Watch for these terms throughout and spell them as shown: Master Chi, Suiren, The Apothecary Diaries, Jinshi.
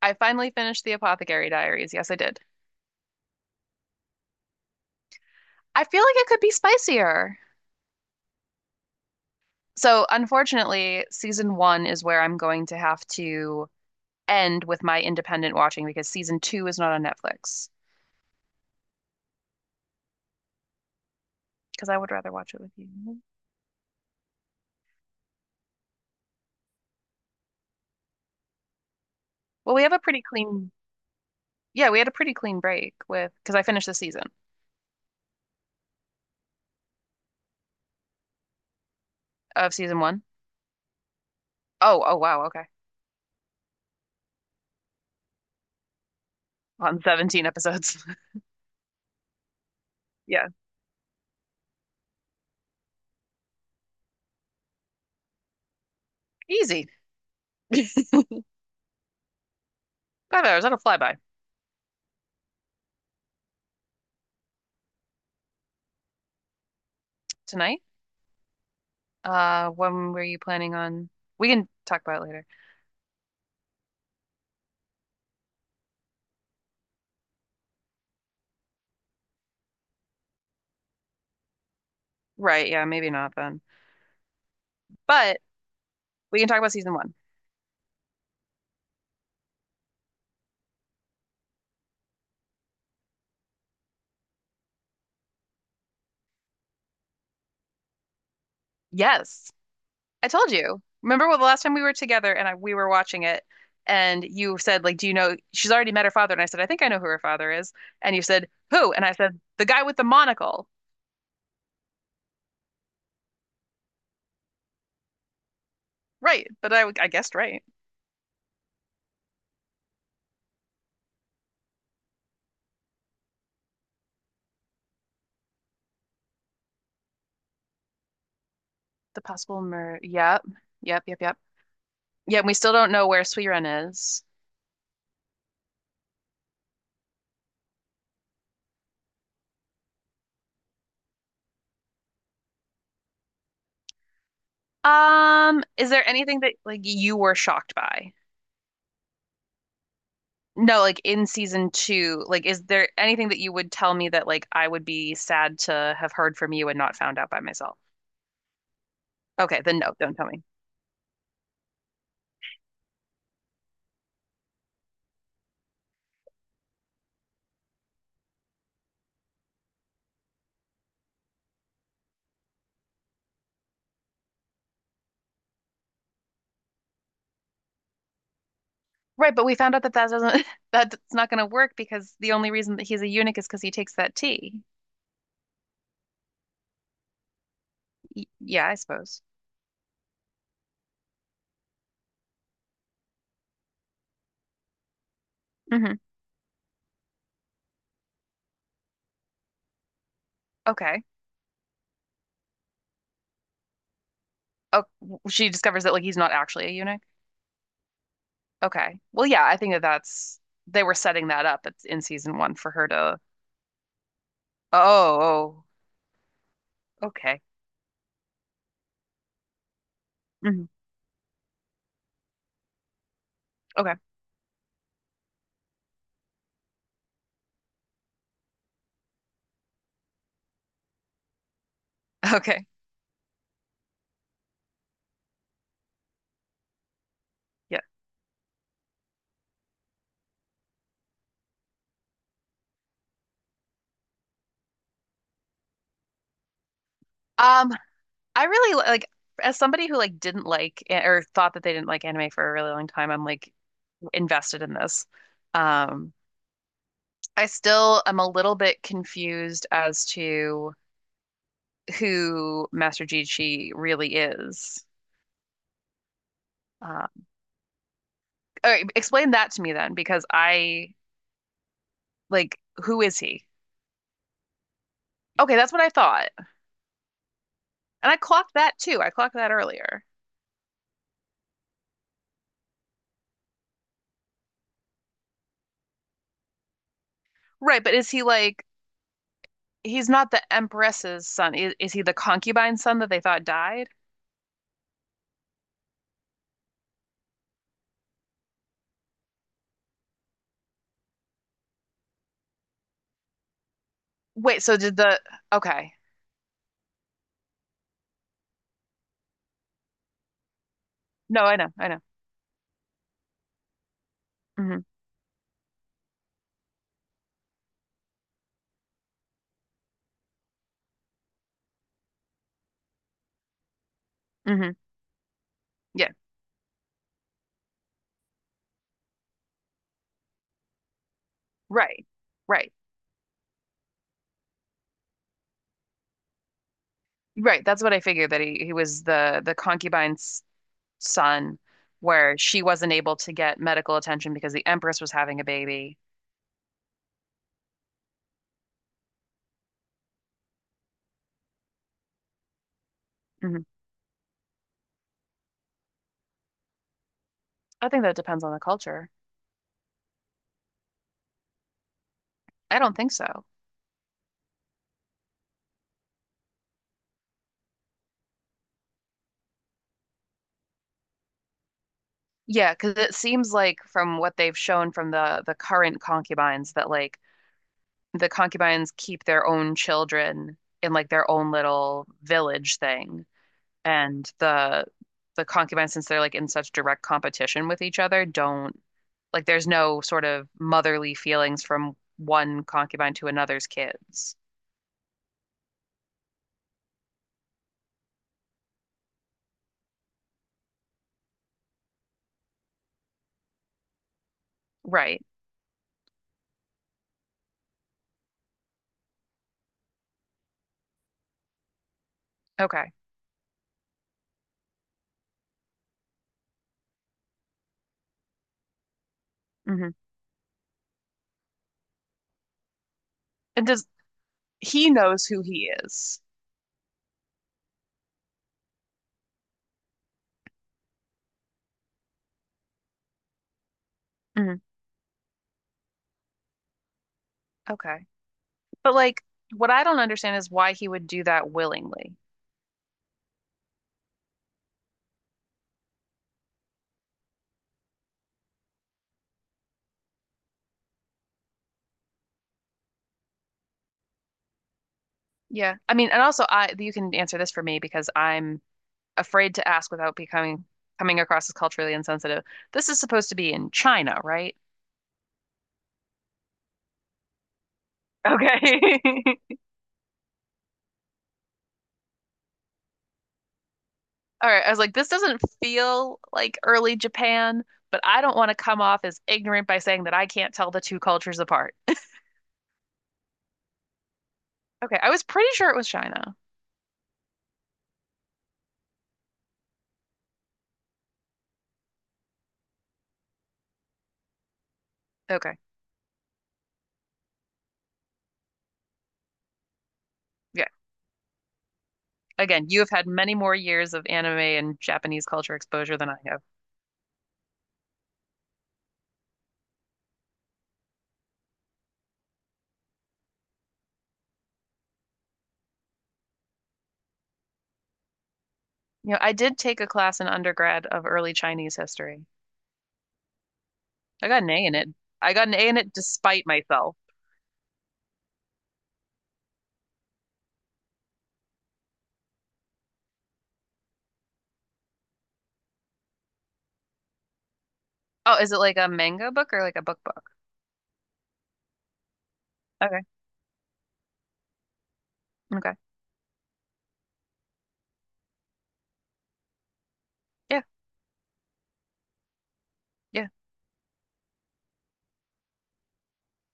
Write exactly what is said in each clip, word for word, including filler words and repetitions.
I finally finished the Apothecary Diaries. Yes, I did. I feel like it could be spicier. So, unfortunately, season one is where I'm going to have to end with my independent watching because season two is not on Netflix. Because I would rather watch it with you. Well, we have a pretty clean, yeah, we had a pretty clean break with, because I finished the season of season one. Oh, oh, wow. Okay. On seventeen episodes. Yeah. Easy. Five hours. That'll fly by. Tonight, uh, when were you planning on? We can talk about it later. Right, yeah, maybe not then. But we can talk about season one. Yes. I told you. Remember what the last time we were together and I, we were watching it and you said like, "Do you know she's already met her father?" And I said, "I think I know who her father is." And you said, "Who?" And I said, "The guy with the monocle." Right, but I I guessed right. The possible murder. Yep. Yep, yep, yep. Yeah, we still don't know where Suiren is. Um, is there anything that like you were shocked by? No, like in season two, like is there anything that you would tell me that like I would be sad to have heard from you and not found out by myself? Okay, then no, don't tell me. Right, but we found out that that doesn't that's not going to work because the only reason that he's a eunuch is because he takes that tea. Y yeah, I suppose. Hmm. Okay. Oh, she discovers that like he's not actually a eunuch. Okay. Well, yeah, I think that that's they were setting that up at, in season one for her to. Oh, oh, okay. Hmm. Okay. Okay. Yeah. Um, I really li- like as somebody who like didn't like a- or thought that they didn't like anime for a really long time, I'm like invested in this. Um, I still am a little bit confused as to who Master Chi really is. Uh, all right, explain that to me then, because I like who is he? Okay, that's what I thought, and I clocked that too. I clocked that earlier. Right, but is he like he's not the Empress's son? Is, is he the concubine's son that they thought died? Wait, so did the Okay. No, I know, I know. Hmm. Hmm. Yeah. Right. Right. Right. That's what I figured that he, he was the the concubine's son where she wasn't able to get medical attention because the Empress was having a baby. Hmm. I think that depends on the culture. I don't think so. Yeah, because it seems like from what they've shown from the the current concubines that like the concubines keep their own children in like their own little village thing. And the the concubines, since they're like in such direct competition with each other, don't like there's no sort of motherly feelings from one concubine to another's kids. Right. Okay. Hmm. And does he knows who he is. Hmm. Okay. But like what I don't understand is why he would do that willingly. Yeah. I mean, and also I you can answer this for me because I'm afraid to ask without becoming coming across as culturally insensitive. This is supposed to be in China, right? Okay. All right, I was like, this doesn't feel like early Japan, but I don't want to come off as ignorant by saying that I can't tell the two cultures apart. Okay, I was pretty sure it was China. Okay, yeah. Again, you have had many more years of anime and Japanese culture exposure than I have. You know, I did take a class in undergrad of early Chinese history. I got an A in it. I got an A in it despite myself. Oh, is it like a manga book or like a book book? Okay, okay. Yeah, yeah.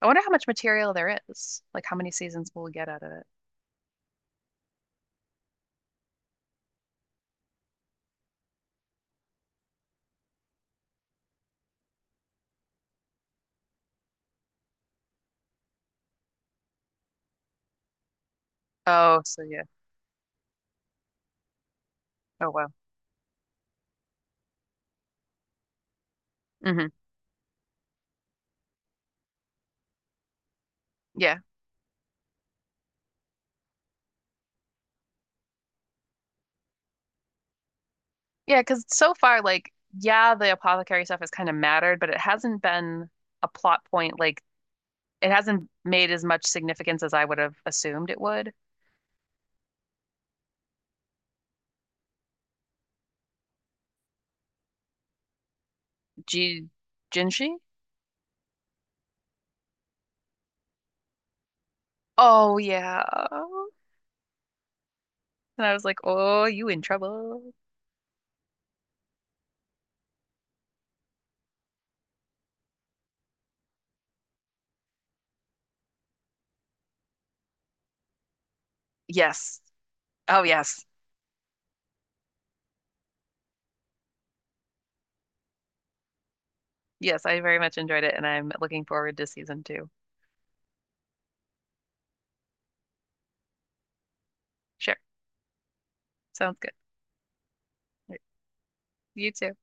I wonder how much material there is. Like how many seasons we'll get out of it. Oh, so yeah. Oh, wow. Hmm. Yeah. Yeah, because so far, like, yeah, the apothecary stuff has kind of mattered, but it hasn't been a plot point. Like, it hasn't made as much significance as I would have assumed it would. G Jinshi? Oh, yeah. And I was like, oh, you in trouble. Yes. Oh, yes. Yes, I very much enjoyed it, and I'm looking forward to season two. Sure. Sounds good. Right. You too.